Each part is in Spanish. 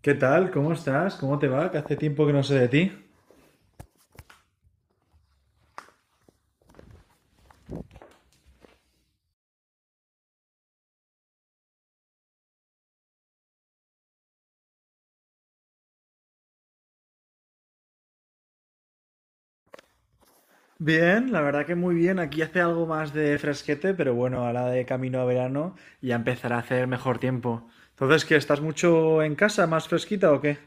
¿Qué tal? ¿Cómo estás? ¿Cómo te va? Que hace tiempo que no sé de ti. Bien, la verdad que muy bien. Aquí hace algo más de fresquete, pero bueno, ahora de camino a verano ya empezará a hacer mejor tiempo. Entonces, ¿qué? ¿Estás mucho en casa, más fresquita o qué?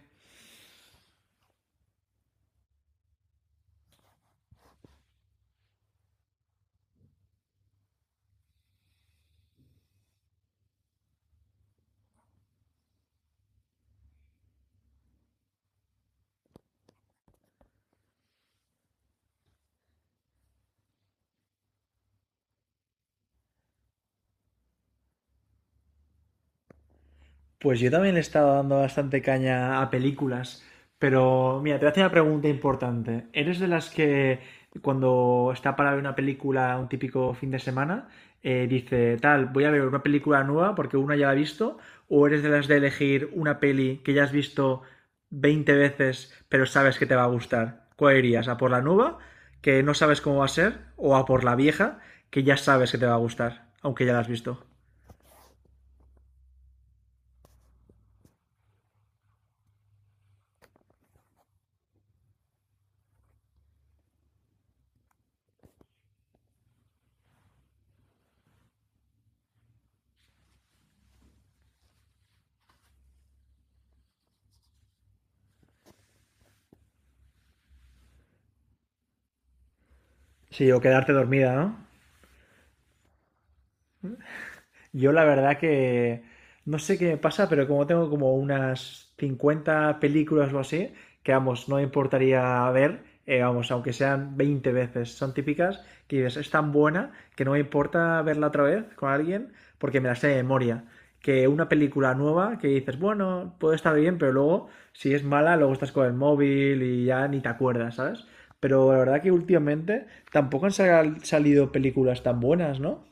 Pues yo también le he estado dando bastante caña a películas, pero mira, te voy a hacer una pregunta importante. ¿Eres de las que cuando está para ver una película un típico fin de semana, dice, tal, voy a ver una película nueva porque una ya la he visto? ¿O eres de las de elegir una peli que ya has visto 20 veces pero sabes que te va a gustar? ¿Cuál irías? ¿A por la nueva, que no sabes cómo va a ser? ¿O a por la vieja, que ya sabes que te va a gustar, aunque ya la has visto? Sí, o quedarte dormida, ¿no? Yo la verdad que no sé qué me pasa, pero como tengo como unas 50 películas o así, que vamos, no me importaría ver, aunque sean 20 veces, son típicas, que dices, es tan buena que no me importa verla otra vez con alguien porque me la sé de memoria. Que una película nueva que dices, bueno, puede estar bien, pero luego, si es mala, luego estás con el móvil y ya ni te acuerdas, ¿sabes? Pero la verdad que últimamente tampoco han salido películas tan buenas, ¿no?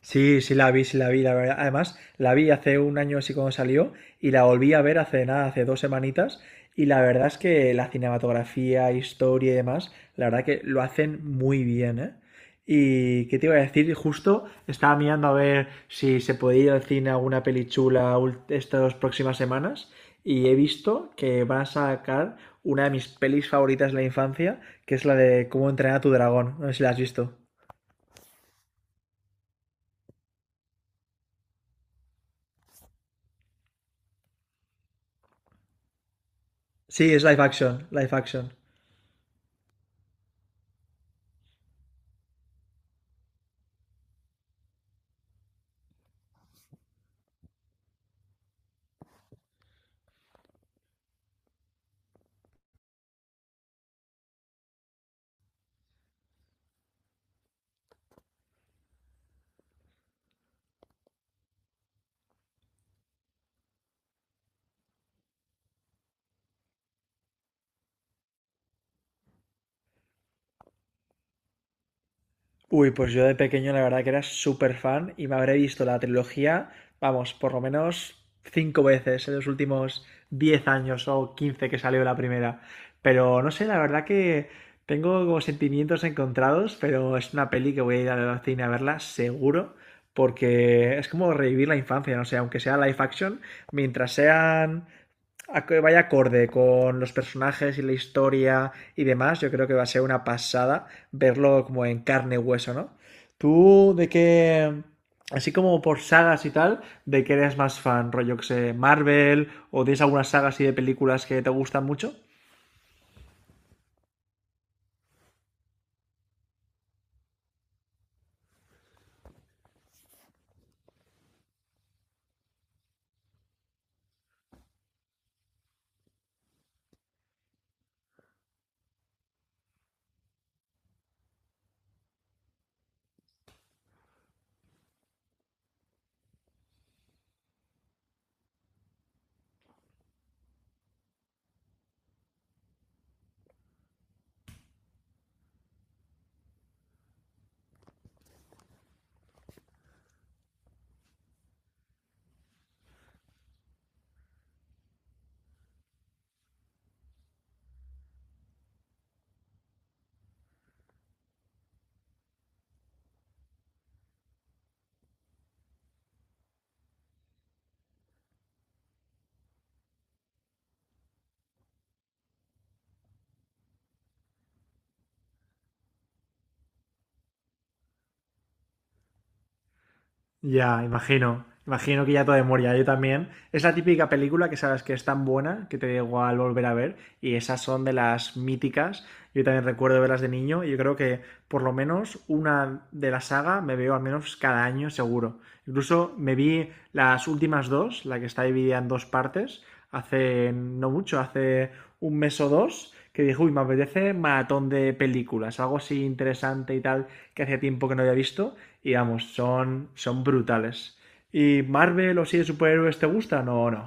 Sí, sí la vi, la verdad. Además, la vi hace un año así cuando salió y la volví a ver hace nada, hace 2 semanitas. Y la verdad es que la cinematografía, historia y demás, la verdad que lo hacen muy bien, ¿eh? Y qué te iba a decir, justo estaba mirando a ver si se podía ir al cine a alguna peli chula estas próximas semanas y he visto que van a sacar una de mis pelis favoritas de la infancia, que es la de Cómo entrenar a tu dragón. No sé si la has visto. Sí, es live action, live action. Uy, pues yo de pequeño la verdad que era súper fan y me habré visto la trilogía, vamos, por lo menos cinco veces en los últimos 10 años o 15 que salió la primera. Pero no sé, la verdad que tengo como sentimientos encontrados, pero es una peli que voy a ir al cine a verla seguro, porque es como revivir la infancia, no sé, aunque sea live action, mientras sean a que vaya acorde con los personajes y la historia y demás, yo creo que va a ser una pasada verlo como en carne y hueso, ¿no? Tú, de qué, así como por sagas y tal, ¿de qué eres más fan, rollo que sé, Marvel, o tienes algunas sagas así de películas que te gustan mucho? Ya, imagino. Imagino que ya todo de memoria, yo también. Es la típica película que sabes que es tan buena que te da igual volver a ver y esas son de las míticas. Yo también recuerdo verlas de niño y yo creo que por lo menos una de la saga me veo al menos cada año seguro. Incluso me vi las últimas dos, la que está dividida en dos partes, hace no mucho, hace un mes o dos, que dije, uy, me apetece maratón de películas, algo así interesante y tal que hacía tiempo que no había visto y vamos, son brutales. ¿Y Marvel o si de superhéroes te gustan o no?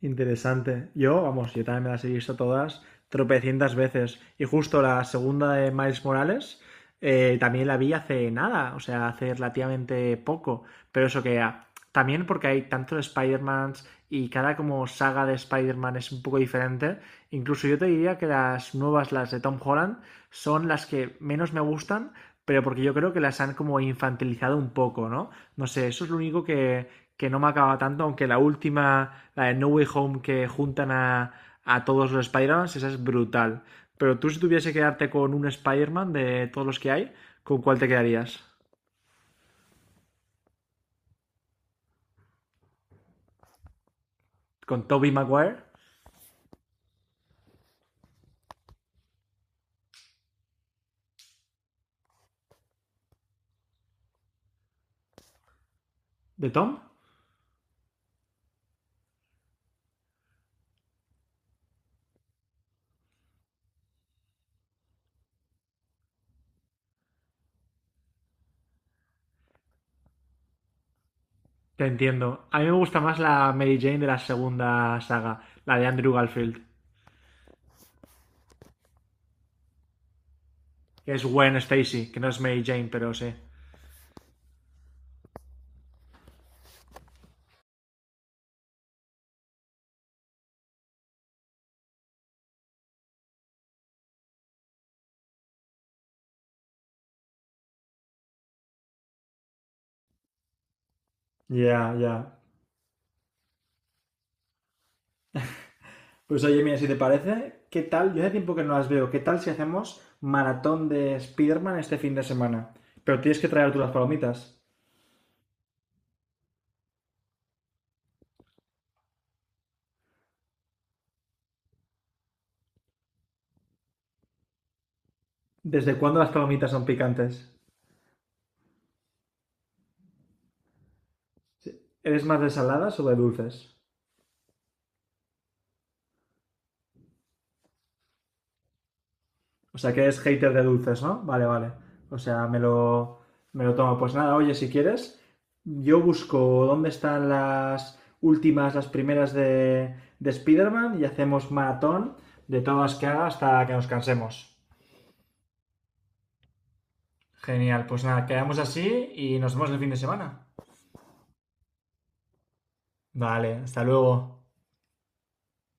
Interesante. Yo, vamos, yo también me las he visto todas tropecientas veces y justo la segunda de Miles Morales también la vi hace nada, o sea, hace relativamente poco, pero eso que ah, también porque hay tantos Spider-Mans y cada como saga de Spider-Man es un poco diferente. Incluso yo te diría que las nuevas, las de Tom Holland, son las que menos me gustan pero porque yo creo que las han como infantilizado un poco, ¿no? No sé, eso es lo único que no me acaba tanto, aunque la última, la de No Way Home, que juntan a todos los Spider-Man, esa es brutal. Pero tú si tuviese que quedarte con un Spider-Man de todos los que hay, ¿con cuál te quedarías? ¿Con Tobey Maguire? ¿De Tom? Te entiendo. A mí me gusta más la Mary Jane de la segunda saga, la de Andrew Garfield, que es Gwen Stacy, que no es Mary Jane, pero sí. Ya, yeah, ya. Yeah. Pues oye, mira, si te parece, ¿qué tal? Yo hace tiempo que no las veo. ¿Qué tal si hacemos maratón de Spiderman este fin de semana? Pero tienes que traer tú las palomitas. ¿Desde cuándo las palomitas son picantes? Sí. ¿Eres más de saladas o de dulces? O sea, que eres hater de dulces, ¿no? Vale, vale. O sea, me lo tomo. Pues nada, oye, si quieres, yo busco dónde están las últimas, las primeras de, Spiderman y hacemos maratón de todas las que haga hasta que nos cansemos. Genial, pues nada, quedamos así y nos vemos el fin de semana. Vale, hasta luego.